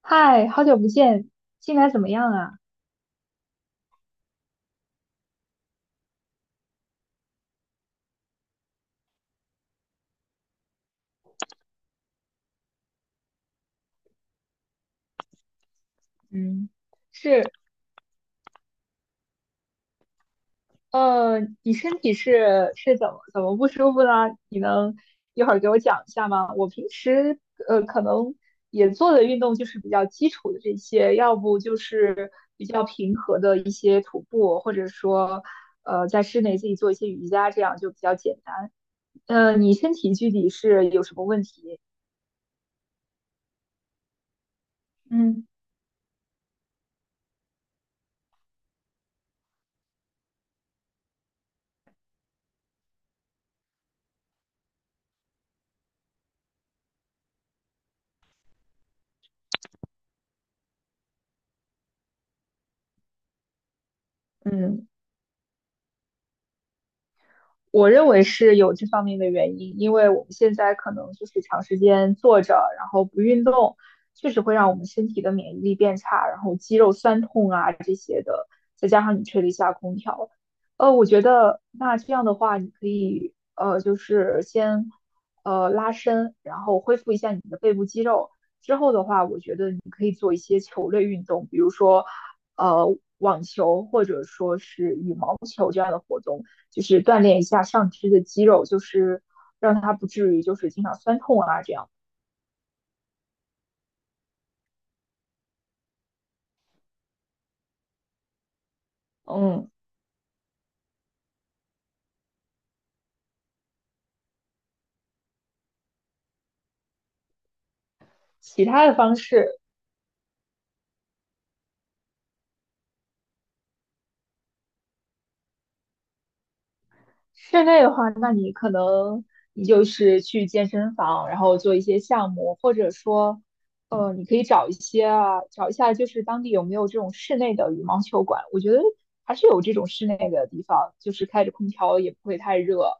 嗨，好久不见，近来怎么样啊？嗯，是，你身体是怎么不舒服呢？你能一会儿给我讲一下吗？我平时可能也做的运动就是比较基础的这些，要不就是比较平和的一些徒步，或者说在室内自己做一些瑜伽，这样就比较简单。你身体具体是有什么问题？嗯嗯。我认为是有这方面的原因，因为我们现在可能就是长时间坐着，然后不运动，确实会让我们身体的免疫力变差，然后肌肉酸痛啊这些的，再加上你吹了一下空调，我觉得那这样的话，你可以就是先拉伸，然后恢复一下你的背部肌肉，之后的话，我觉得你可以做一些球类运动，比如说呃网球或者说是羽毛球这样的活动。就是锻炼一下上肢的肌肉，就是让它不至于就是经常酸痛啊这样。嗯，其他的方式室内的话，那你可能你就是去健身房，然后做一些项目，或者说，你可以找一些啊，找一下就是当地有没有这种室内的羽毛球馆。我觉得还是有这种室内的地方，就是开着空调也不会太热。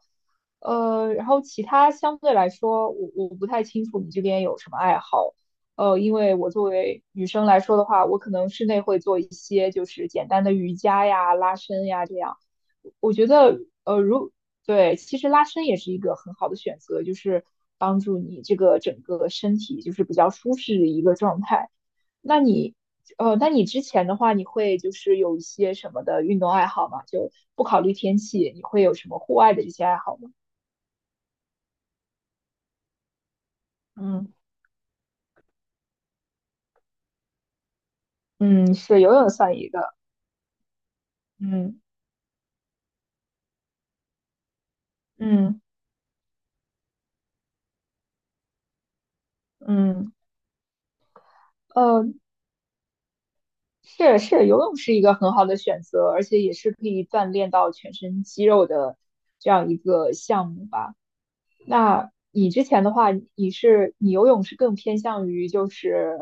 然后其他相对来说，我不太清楚你这边有什么爱好。因为我作为女生来说的话，我可能室内会做一些就是简单的瑜伽呀、拉伸呀这样。我觉得，呃，如对，其实拉伸也是一个很好的选择，就是帮助你这个整个身体就是比较舒适的一个状态。那你，那你之前的话，你会就是有一些什么的运动爱好吗？就不考虑天气，你会有什么户外的一些爱好吗？嗯嗯，是游泳算一个，嗯嗯嗯，呃，是是，游泳是一个很好的选择，而且也是可以锻炼到全身肌肉的这样一个项目吧。那你之前的话，你是你游泳是更偏向于就是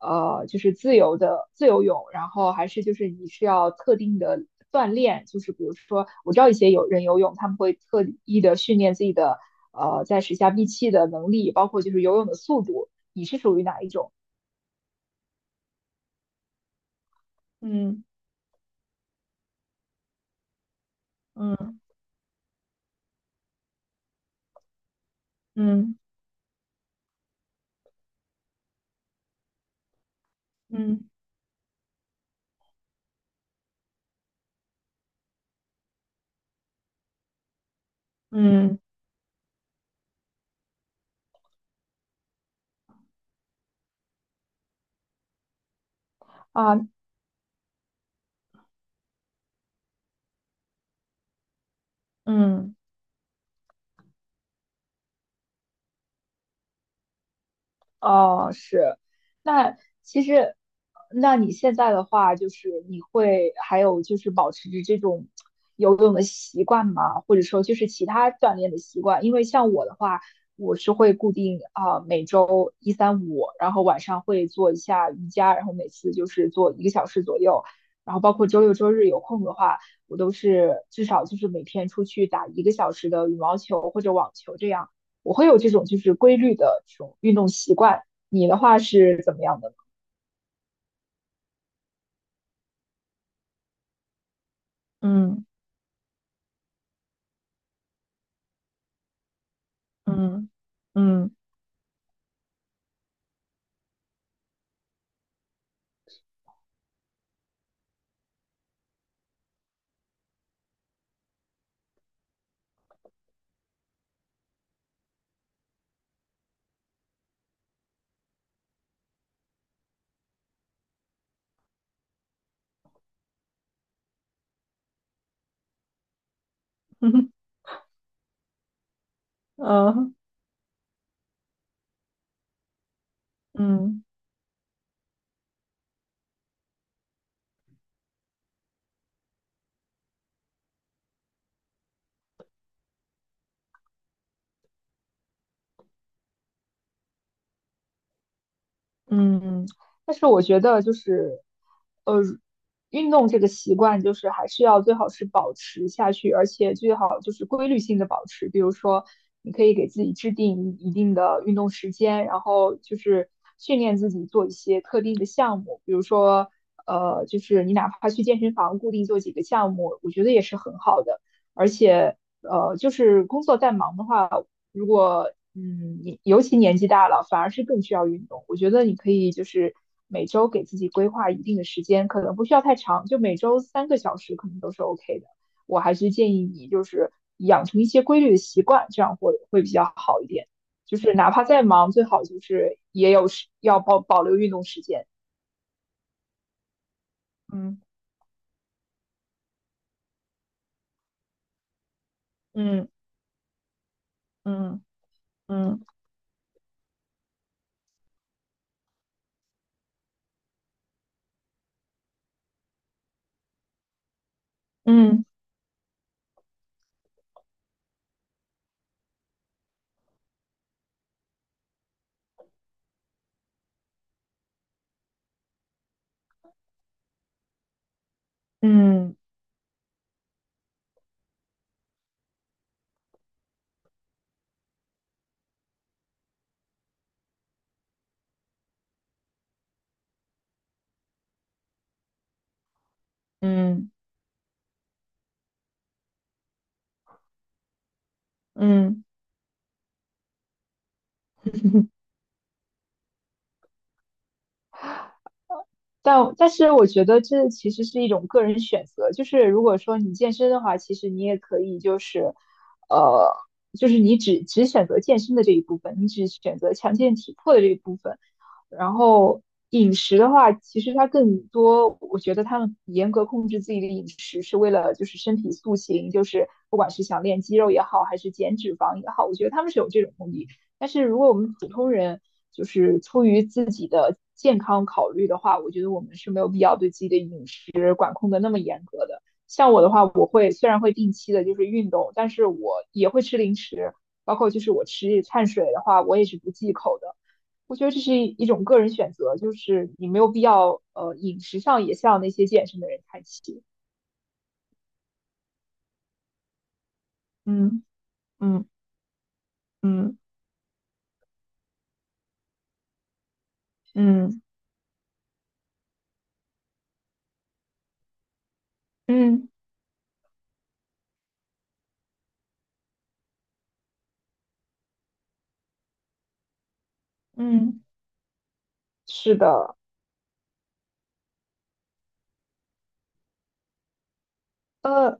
就是自由的自由泳，然后还是就是你是要特定的锻炼，就是比如说我知道一些有人游泳，他们会特意的训练自己的在水下闭气的能力，包括就是游泳的速度，你是属于哪一种？嗯嗯嗯嗯嗯啊嗯。哦，是，那其实，那你现在的话，就是你会还有就是保持着这种游泳的习惯吗？或者说就是其他锻炼的习惯？因为像我的话，我是会固定啊、每周一三五，然后晚上会做一下瑜伽，然后每次就是做一个小时左右，然后包括周六周日有空的话，我都是至少就是每天出去打一个小时的羽毛球或者网球这样。我会有这种就是规律的这种运动习惯。你的话是怎么样的呢？嗯嗯嗯嗯嗯。嗯嗯嗯嗯，但是我觉得就是，呃，运动这个习惯就是还是要最好是保持下去，而且最好就是规律性的保持。比如说，你可以给自己制定一定的运动时间，然后就是训练自己做一些特定的项目，比如说，就是你哪怕去健身房固定做几个项目，我觉得也是很好的。而且，就是工作再忙的话。如果嗯，你尤其年纪大了，反而是更需要运动。我觉得你可以就是每周给自己规划一定的时间，可能不需要太长，就每周三个小时可能都是 OK 的。我还是建议你就是养成一些规律的习惯，这样会比较好一点。就是哪怕再忙，最好就是也有时要保留运动时间。嗯嗯嗯嗯嗯嗯嗯嗯。嗯嗯嗯但是我觉得这其实是一种个人选择，就是如果说你健身的话，其实你也可以就是，呃，就是你只选择健身的这一部分，你只选择强健体魄的这一部分，然后饮食的话，其实它更多，我觉得他们严格控制自己的饮食，是为了就是身体塑形，就是不管是想练肌肉也好，还是减脂肪也好，我觉得他们是有这种目的。但是如果我们普通人就是出于自己的健康考虑的话，我觉得我们是没有必要对自己的饮食管控的那么严格的。像我的话，我会虽然会定期的就是运动，但是我也会吃零食，包括就是我吃碳水的话，我也是不忌口的。我觉得这是一种个人选择，就是你没有必要饮食上也向那些健身的人看齐。嗯嗯嗯嗯嗯嗯，是的，呃。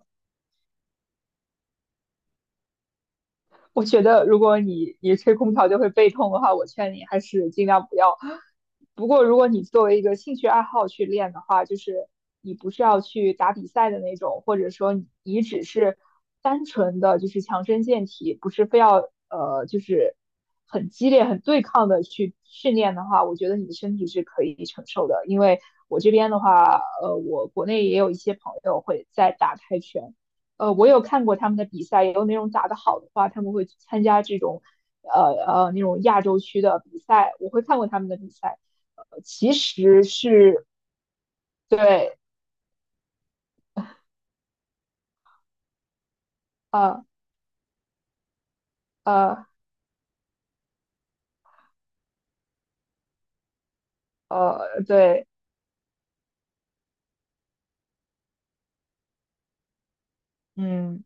我觉得如果你吹空调就会背痛的话，我劝你还是尽量不要。不过如果你作为一个兴趣爱好去练的话，就是你不是要去打比赛的那种，或者说你只是单纯的就是强身健体，不是非要就是很激烈、很对抗的去训练的话，我觉得你的身体是可以承受的。因为我这边的话，我国内也有一些朋友会在打泰拳。我有看过他们的比赛，有那种打得好的话，他们会参加这种呃那种亚洲区的比赛，我会看过他们的比赛。其实是对，呃呃对，嗯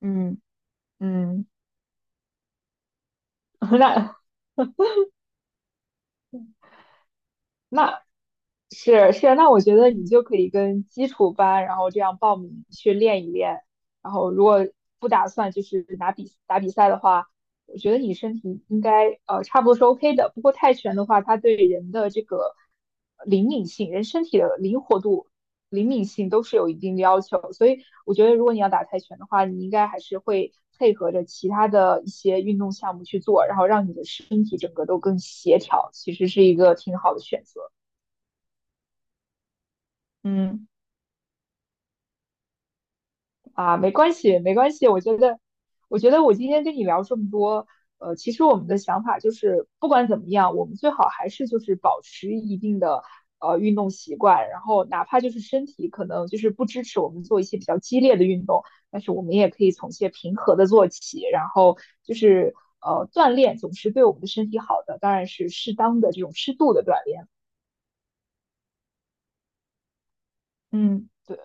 嗯嗯，那那是是，那我觉得你就可以跟基础班，然后这样报名去练一练，然后如果不打算就是拿比打比赛的话。我觉得你身体应该差不多是 OK 的。不过泰拳的话，它对人的这个灵敏性、人身体的灵活度、灵敏性都是有一定的要求。所以我觉得，如果你要打泰拳的话，你应该还是会配合着其他的一些运动项目去做，然后让你的身体整个都更协调，其实是一个挺好的选择。嗯。啊，没关系，没关系。我觉得，我觉得我今天跟你聊这么多，其实我们的想法就是，不管怎么样，我们最好还是就是保持一定的运动习惯，然后哪怕就是身体可能就是不支持我们做一些比较激烈的运动，但是我们也可以从一些平和的做起，然后就是锻炼总是对我们的身体好的，当然是适当的这种适度的锻炼。嗯对，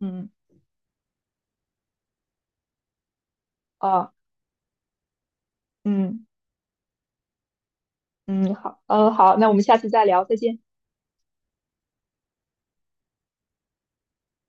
嗯啊，嗯嗯，好，嗯好，那我们下次再聊，再见。